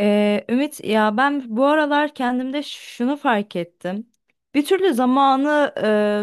Ümit, ya ben bu aralar kendimde şunu fark ettim. Bir türlü zamanı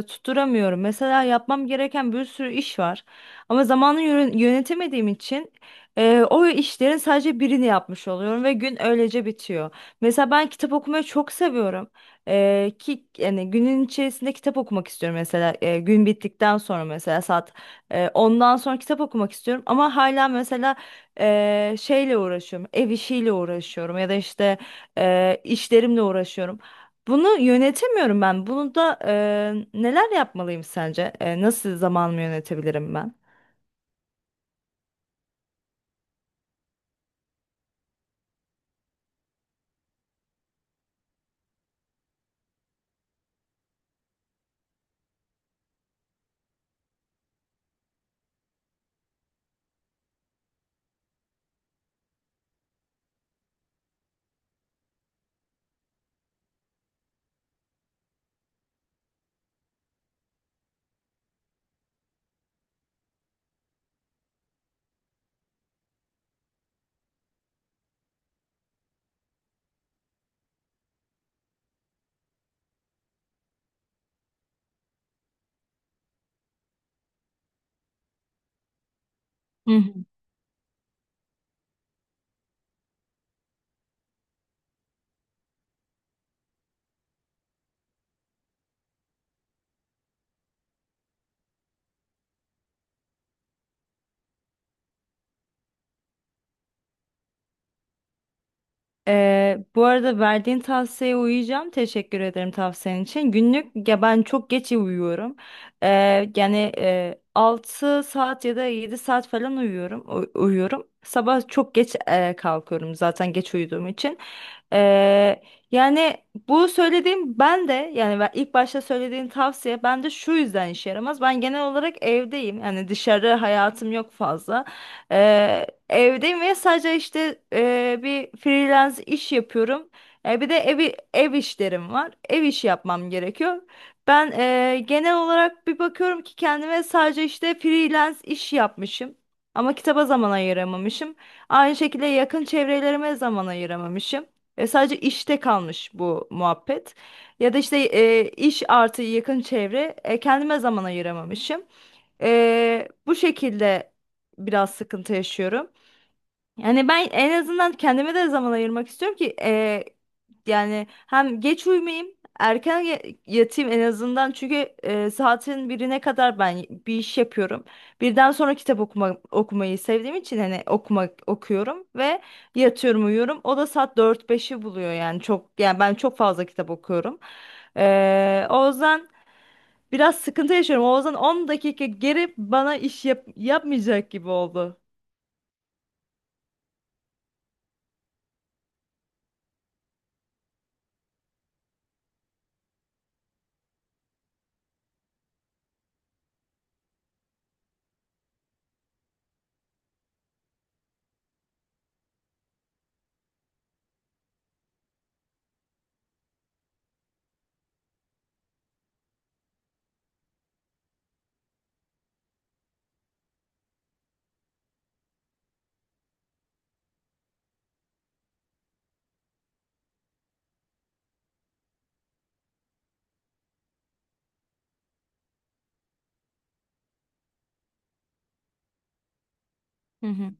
tutturamıyorum. Mesela yapmam gereken bir sürü iş var. Ama zamanı yönetemediğim için o işlerin sadece birini yapmış oluyorum ve gün öylece bitiyor. Mesela ben kitap okumayı çok seviyorum. Ki yani günün içerisinde kitap okumak istiyorum, mesela gün bittikten sonra, mesela saat 10'dan sonra kitap okumak istiyorum ama hala mesela şeyle uğraşıyorum, ev işiyle uğraşıyorum ya da işte işlerimle uğraşıyorum. Bunu yönetemiyorum ben. Bunu da neler yapmalıyım sence? Nasıl zamanımı yönetebilirim ben? Hı. Bu arada verdiğin tavsiyeye uyacağım. Teşekkür ederim tavsiyen için. Günlük ya ben çok geç uyuyorum. Yani 6 saat ya da 7 saat falan uyuyorum. Uyuyorum. Sabah çok geç kalkıyorum zaten geç uyuduğum için. Ee, yani bu söylediğim ben de yani ilk başta söylediğin tavsiye ben de şu yüzden işe yaramaz. Ben genel olarak evdeyim. Yani dışarı hayatım yok fazla. Evdeyim ve sadece işte bir freelance iş yapıyorum. Bir de evi, ev işlerim var. Ev işi yapmam gerekiyor. Ben genel olarak bir bakıyorum ki kendime sadece işte freelance iş yapmışım. Ama kitaba zaman ayıramamışım. Aynı şekilde yakın çevrelerime zaman ayıramamışım. Sadece işte kalmış bu muhabbet. Ya da işte iş artı yakın çevre, kendime zaman ayıramamışım. Bu şekilde biraz sıkıntı yaşıyorum. Yani ben en azından kendime de zaman ayırmak istiyorum ki yani hem geç uyumayayım, erken yatayım en azından, çünkü saatin birine kadar ben bir iş yapıyorum. Birden sonra kitap okumayı sevdiğim için hani okumak okuyorum, yatıyorum, uyuyorum. O da saat dört beşi buluyor yani. Çok yani ben çok fazla kitap okuyorum. O yüzden biraz sıkıntı yaşıyorum. Oğuzhan 10 dakika geri bana iş yapmayacak gibi oldu. Hı hı.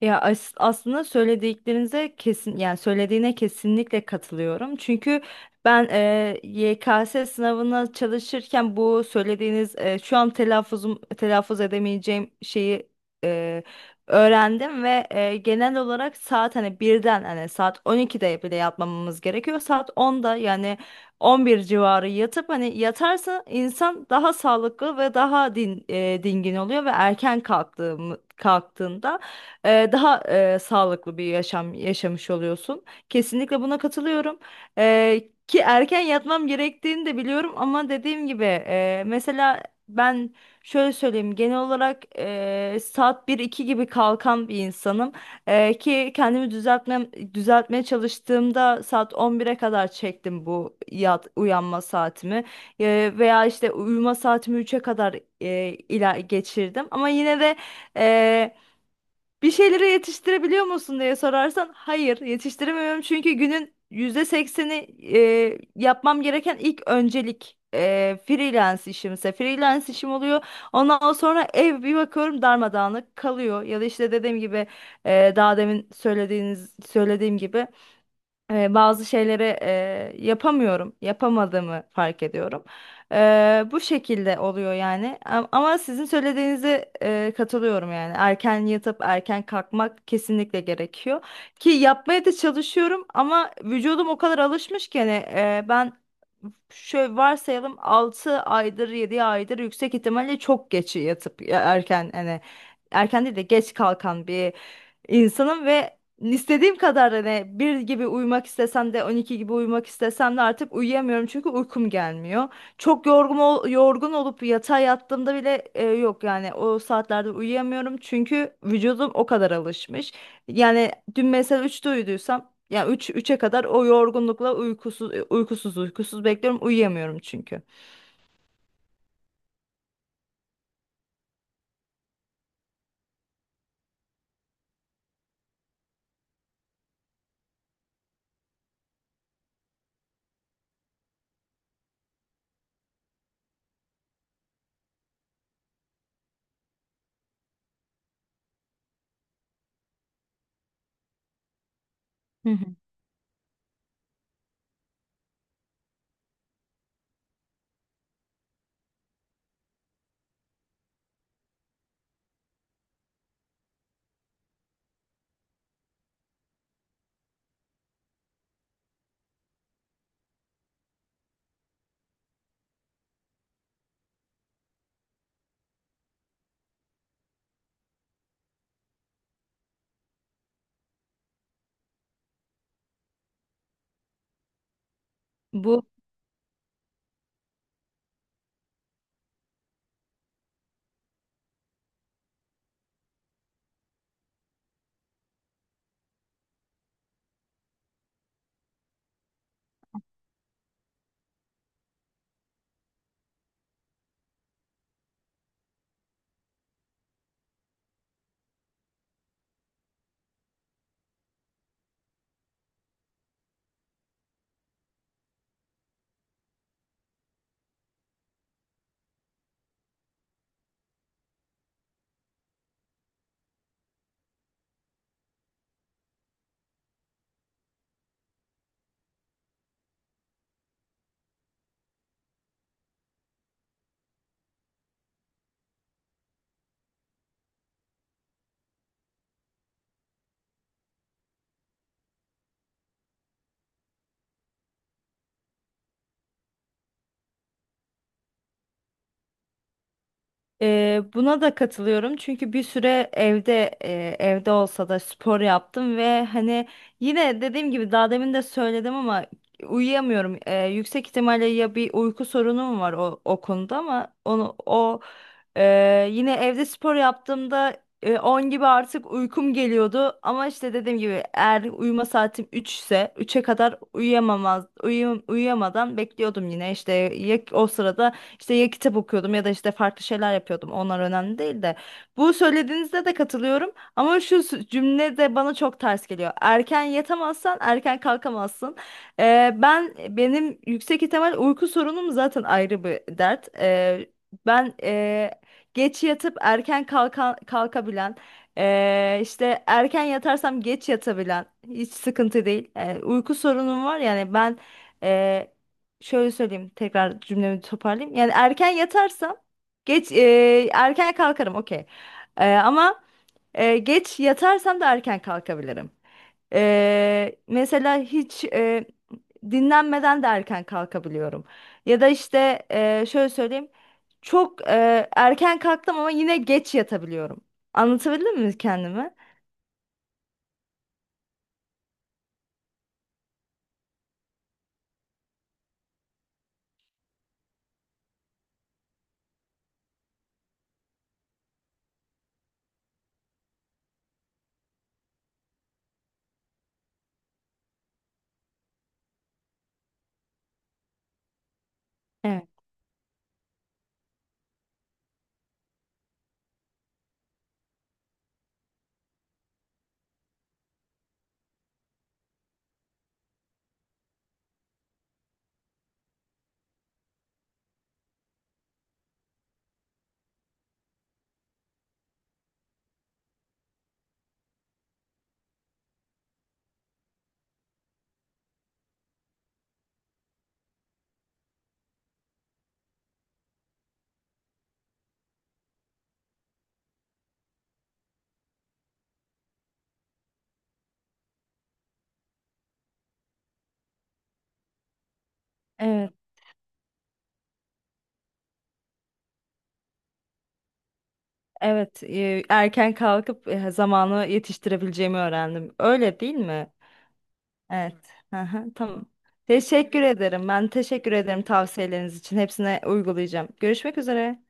Ya, aslında söylediklerinize kesin, yani söylediğine kesinlikle katılıyorum. Çünkü ben YKS sınavına çalışırken bu söylediğiniz şu an telaffuzum, telaffuz edemeyeceğim şeyi e, öğrendim ve genel olarak saat hani birden hani saat 12'de bile yatmamamız gerekiyor. Saat 10'da yani 11 civarı yatıp, hani yatarsa insan daha sağlıklı ve daha dingin oluyor ve erken kalktığında daha sağlıklı bir yaşam yaşamış oluyorsun. Kesinlikle buna katılıyorum. E, ki erken yatmam gerektiğini de biliyorum, ama dediğim gibi mesela ben şöyle söyleyeyim, genel olarak saat bir iki gibi kalkan bir insanım. Ki kendimi düzeltmeye çalıştığımda saat on bire kadar çektim bu uyanma saatimi. Veya işte uyuma saatimi üçe kadar ila geçirdim. Ama yine de bir şeyleri yetiştirebiliyor musun diye sorarsan, hayır, yetiştiremiyorum, çünkü günün %80'i, yapmam gereken ilk öncelik freelance işimse freelance işim oluyor. Ondan sonra ev bir bakıyorum darmadağınık kalıyor, ya da işte dediğim gibi e, daha demin söylediğiniz söylediğim gibi bazı şeyleri yapamadığımı fark ediyorum. Bu şekilde oluyor yani. Ama sizin söylediğinize katılıyorum yani. Erken yatıp erken kalkmak kesinlikle gerekiyor. Ki yapmaya da çalışıyorum, ama vücudum o kadar alışmış ki, hani ben şöyle varsayalım, 6 aydır 7 aydır yüksek ihtimalle çok geç yatıp erken değil de geç kalkan bir insanım ve İstediğim kadar hani bir gibi uyumak istesem de, 12 gibi uyumak istesem de artık uyuyamıyorum, çünkü uykum gelmiyor. Çok yorgun olup yatağa yattığımda bile yok yani, o saatlerde uyuyamıyorum çünkü vücudum o kadar alışmış. Yani dün mesela üçte uyuduysam yani üçe kadar o yorgunlukla uykusuz bekliyorum, uyuyamıyorum çünkü. Hı hı. Bu buna da katılıyorum, çünkü bir süre evde, evde olsa da spor yaptım ve hani yine dediğim gibi daha demin de söyledim, ama uyuyamıyorum. Yüksek ihtimalle ya bir uyku sorunum var o konuda, ama onu yine evde spor yaptığımda 10 gibi artık uykum geliyordu, ama işte dediğim gibi eğer uyuma saatim 3 ise üçe kadar uyuyamadan bekliyordum, yine işte ya o sırada işte ya kitap okuyordum ya da işte farklı şeyler yapıyordum. Onlar önemli değil de, bu söylediğinizde de katılıyorum, ama şu cümle de bana çok ters geliyor. Erken yatamazsan erken kalkamazsın. Ben, benim yüksek ihtimal uyku sorunum zaten ayrı bir dert. Ben geç yatıp erken kalkabilen, işte erken yatarsam geç yatabilen, hiç sıkıntı değil. Uyku sorunum var yani. Ben şöyle söyleyeyim, tekrar cümlemi toparlayayım. Yani erken yatarsam erken kalkarım, okey. Ama geç yatarsam da erken kalkabilirim. Mesela hiç dinlenmeden de erken kalkabiliyorum. Ya da işte şöyle söyleyeyim, çok erken kalktım ama yine geç yatabiliyorum. Anlatabildim mi kendimi? Evet, evet, evet. Erken kalkıp zamanı yetiştirebileceğimi öğrendim. Öyle değil mi? Evet. Hı hı, tamam. Teşekkür ederim. Ben teşekkür ederim tavsiyeleriniz için. Hepsine uygulayacağım. Görüşmek üzere.